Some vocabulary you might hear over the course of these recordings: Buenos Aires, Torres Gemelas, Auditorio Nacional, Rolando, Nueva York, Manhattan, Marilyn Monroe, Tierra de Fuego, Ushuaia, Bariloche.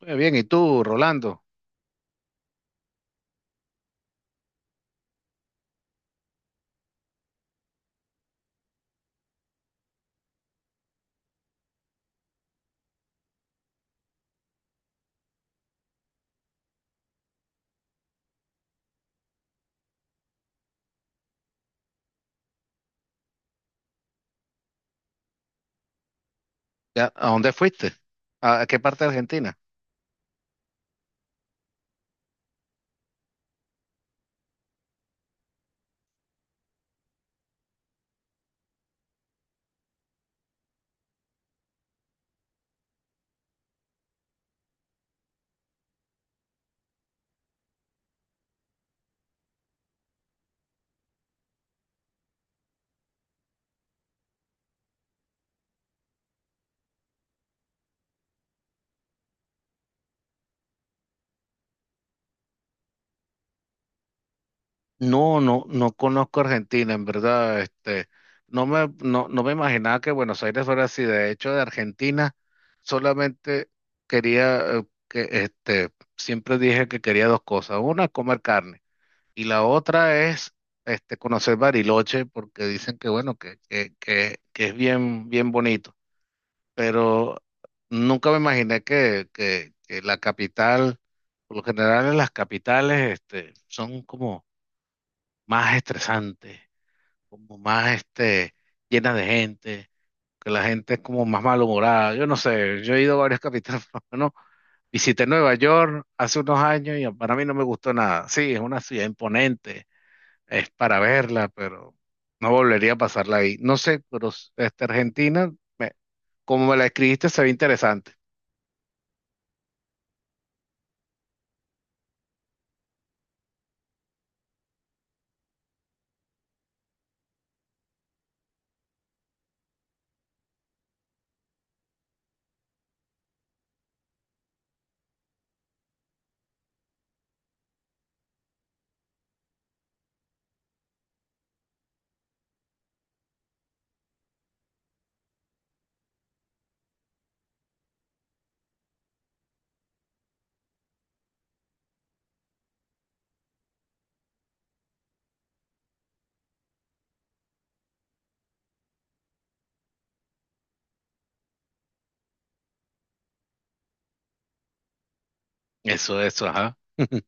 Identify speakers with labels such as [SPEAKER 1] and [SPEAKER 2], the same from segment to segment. [SPEAKER 1] Muy bien, ¿y tú, Rolando? ¿A dónde fuiste? ¿A qué parte de Argentina? No, no, no conozco Argentina, en verdad. Este, no me imaginaba que Buenos Aires fuera así. De hecho, de Argentina solamente quería, este, siempre dije que quería dos cosas. Una, comer carne. Y la otra es, este, conocer Bariloche, porque dicen que, bueno, que es bien, bien bonito. Pero nunca me imaginé que, que la capital, por lo general en las capitales, este, son como más estresantes, como más este, llenas de gente, que la gente es como más malhumorada. Yo no sé, yo he ido a varias capitales, por lo menos visité Nueva York hace unos años y para mí no me gustó nada. Sí, es una ciudad imponente, es para verla, pero no volvería a pasarla ahí. No sé, pero este, Argentina, me- como me la escribiste, se ve interesante. Eso, ajá.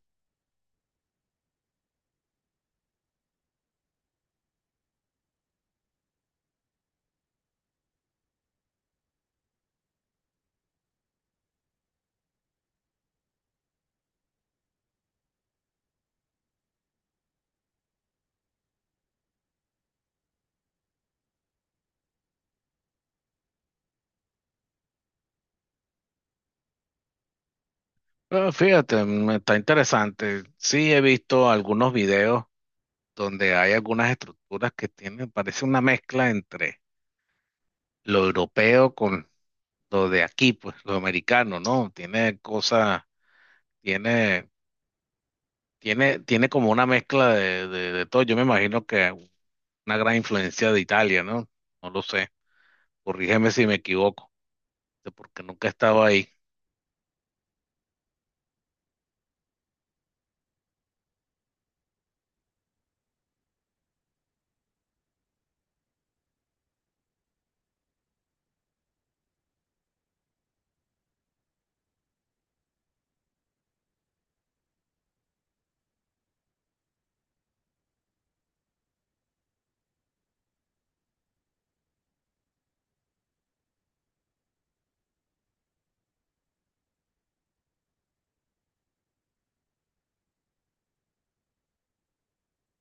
[SPEAKER 1] Ah, fíjate, está interesante. Sí, he visto algunos videos donde hay algunas estructuras que tienen, parece una mezcla entre lo europeo con lo de aquí, pues lo americano, ¿no? Tiene cosas, tiene, tiene como una mezcla de todo. Yo me imagino que una gran influencia de Italia, ¿no? No lo sé. Corrígeme si me equivoco, porque nunca he estado ahí.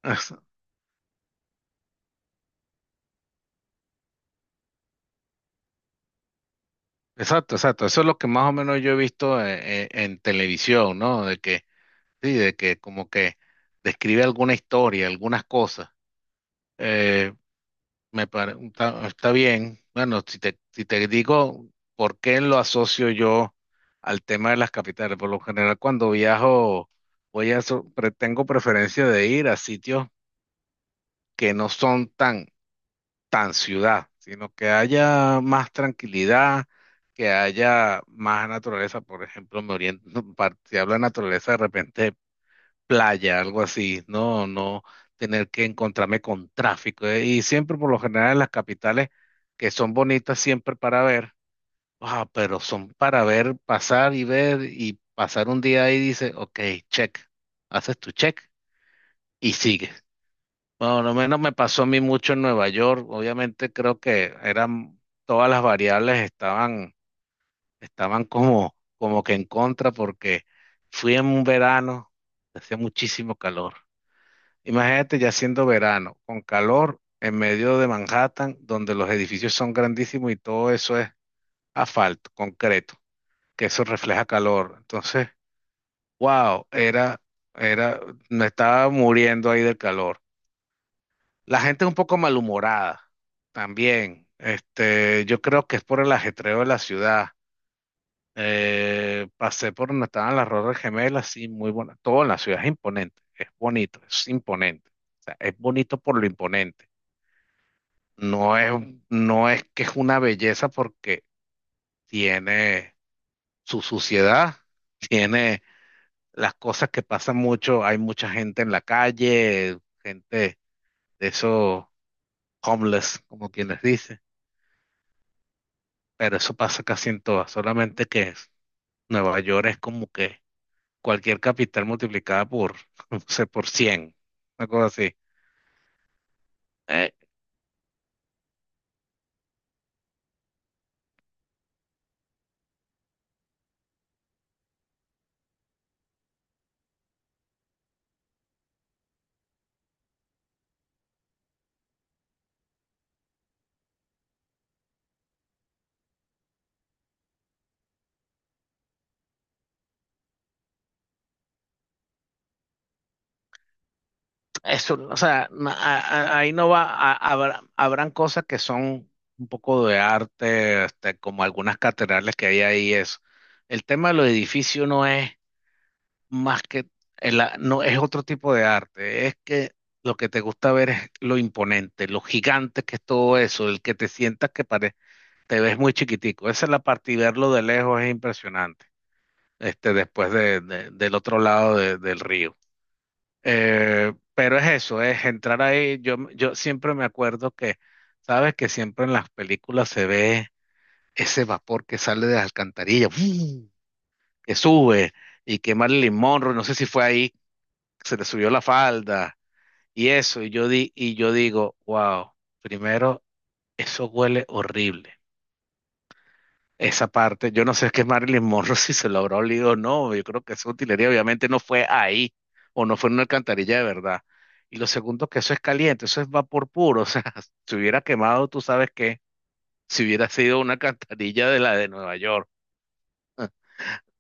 [SPEAKER 1] Exacto, exacto. Eso es lo que más o menos yo he visto en televisión, ¿no? De que, sí, de que como que describe alguna historia, algunas cosas. Eh, está bien. Bueno, si te digo por qué lo asocio yo al tema de las capitales, por lo general cuando viajo, voy a, so- pre- tengo preferencia de ir a sitios que no son tan ciudad, sino que haya más tranquilidad, que haya más naturaleza. Por ejemplo, me oriento, si hablo de naturaleza, de repente playa, algo así, no tener que encontrarme con tráfico. Y siempre, por lo general, en las capitales, que son bonitas siempre para ver, ah, pero son para ver, pasar y ver y pasar un día ahí, dice, ok, check, haces tu check y sigues. Bueno, lo menos me pasó a mí mucho en Nueva York. Obviamente creo que eran todas las variables estaban como que en contra porque fui en un verano, hacía muchísimo calor. Imagínate ya siendo verano, con calor en medio de Manhattan, donde los edificios son grandísimos y todo eso es asfalto, concreto, que eso refleja calor. Entonces, wow, era, me estaba muriendo ahí del calor. La gente es un poco malhumorada también. Este, yo creo que es por el ajetreo de la ciudad. Pasé por donde estaban las Torres Gemelas, sí, muy buena. Todo en la ciudad es imponente, es bonito, es imponente. O sea, es bonito por lo imponente. No es, no es que es una belleza porque tiene su suciedad, tiene las cosas que pasan mucho. Hay mucha gente en la calle, gente de esos homeless, como quienes dicen, pero eso pasa casi en todas, solamente que Nueva York es como que cualquier capital multiplicada por, no sé, por 100, una cosa así. Eh, eso, o sea, ahí no va, habrán cosas que son un poco de arte, este, como algunas catedrales que hay ahí, eso. El tema de los edificios no es más que, no es otro tipo de arte, es que lo que te gusta ver es lo imponente, lo gigante que es todo eso, el que te sientas que parece te ves muy chiquitico. Esa es la parte, y verlo de lejos es impresionante, este, después del otro lado del río. Pero es eso, es entrar ahí. Yo siempre me acuerdo que, sabes que siempre en las películas se ve ese vapor que sale de las alcantarillas, ¡fuu!, que sube, y que Marilyn Monroe, no sé si fue ahí, se le subió la falda y eso. Y yo digo, wow, primero, eso huele horrible. Esa parte, yo no sé qué Marilyn Monroe, si se lo habrá olido o no, yo creo que esa utilería obviamente no fue ahí, o no fue en una alcantarilla de verdad. Y lo segundo, que eso es caliente, eso es vapor puro, o sea, si hubiera quemado, tú sabes que si hubiera sido una alcantarilla de la de Nueva York.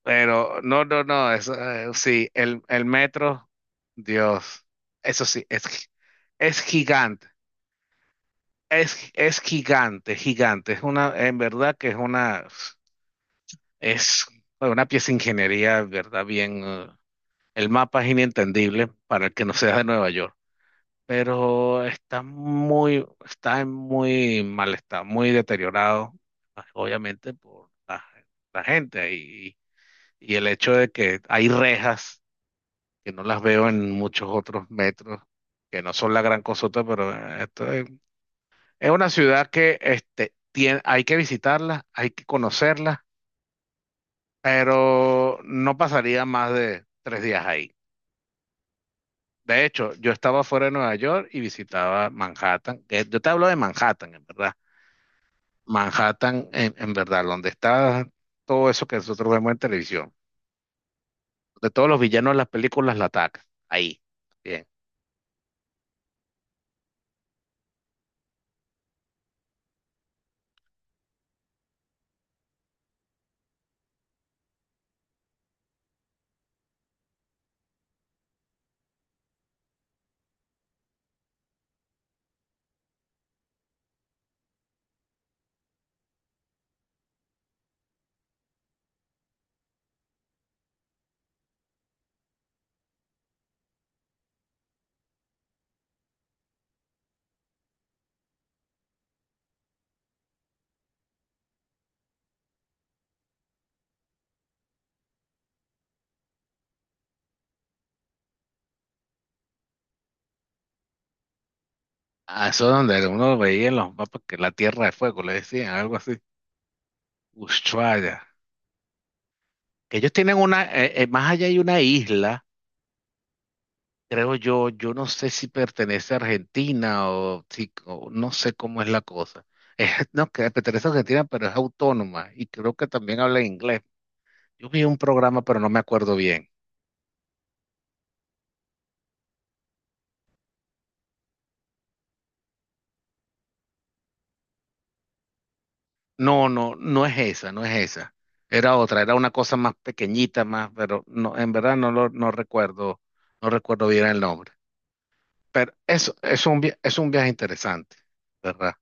[SPEAKER 1] Pero no, no, no, eso, sí, el metro, Dios, eso sí, es gigante, es gigante, gigante, es una, en verdad que es una... Es una pieza de ingeniería, ¿verdad? Bien, el mapa es inentendible para el que no sea de Nueva York, pero está en muy mal estado, muy deteriorado, ah, obviamente por la gente y el hecho de que hay rejas que no las veo en muchos otros metros, que no son la gran cosota, pero esto es, una ciudad que este, tiene, hay que visitarla, hay que conocerla, pero no pasaría más de tres días ahí. De hecho, yo estaba fuera de Nueva York y visitaba Manhattan. Que Yo te hablo de Manhattan, en verdad. Manhattan, en verdad, donde está todo eso que nosotros vemos en televisión. De todos los villanos de las películas la atacan. Ahí. Bien. Ah, eso es donde uno veía en los mapas que la Tierra de Fuego, le decían, algo así. Ushuaia. Que ellos tienen una, más allá hay una isla. Creo yo, yo no sé si pertenece a Argentina, o no sé cómo es la cosa. No, que pertenece a Argentina, pero es autónoma y creo que también habla inglés. Yo vi un programa, pero no me acuerdo bien. No, no, no es esa, no es esa. Era otra, era una cosa más pequeñita, más, pero no, en verdad no recuerdo bien el nombre. Pero eso es un viaje interesante, ¿verdad?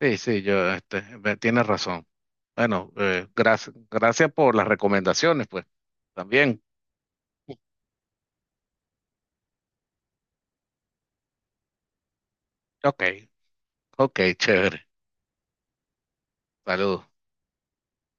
[SPEAKER 1] Sí, sí, este, tienes razón. Bueno, gracias, gracias por las recomendaciones, pues. También. Ok, ok, chévere. Saludos.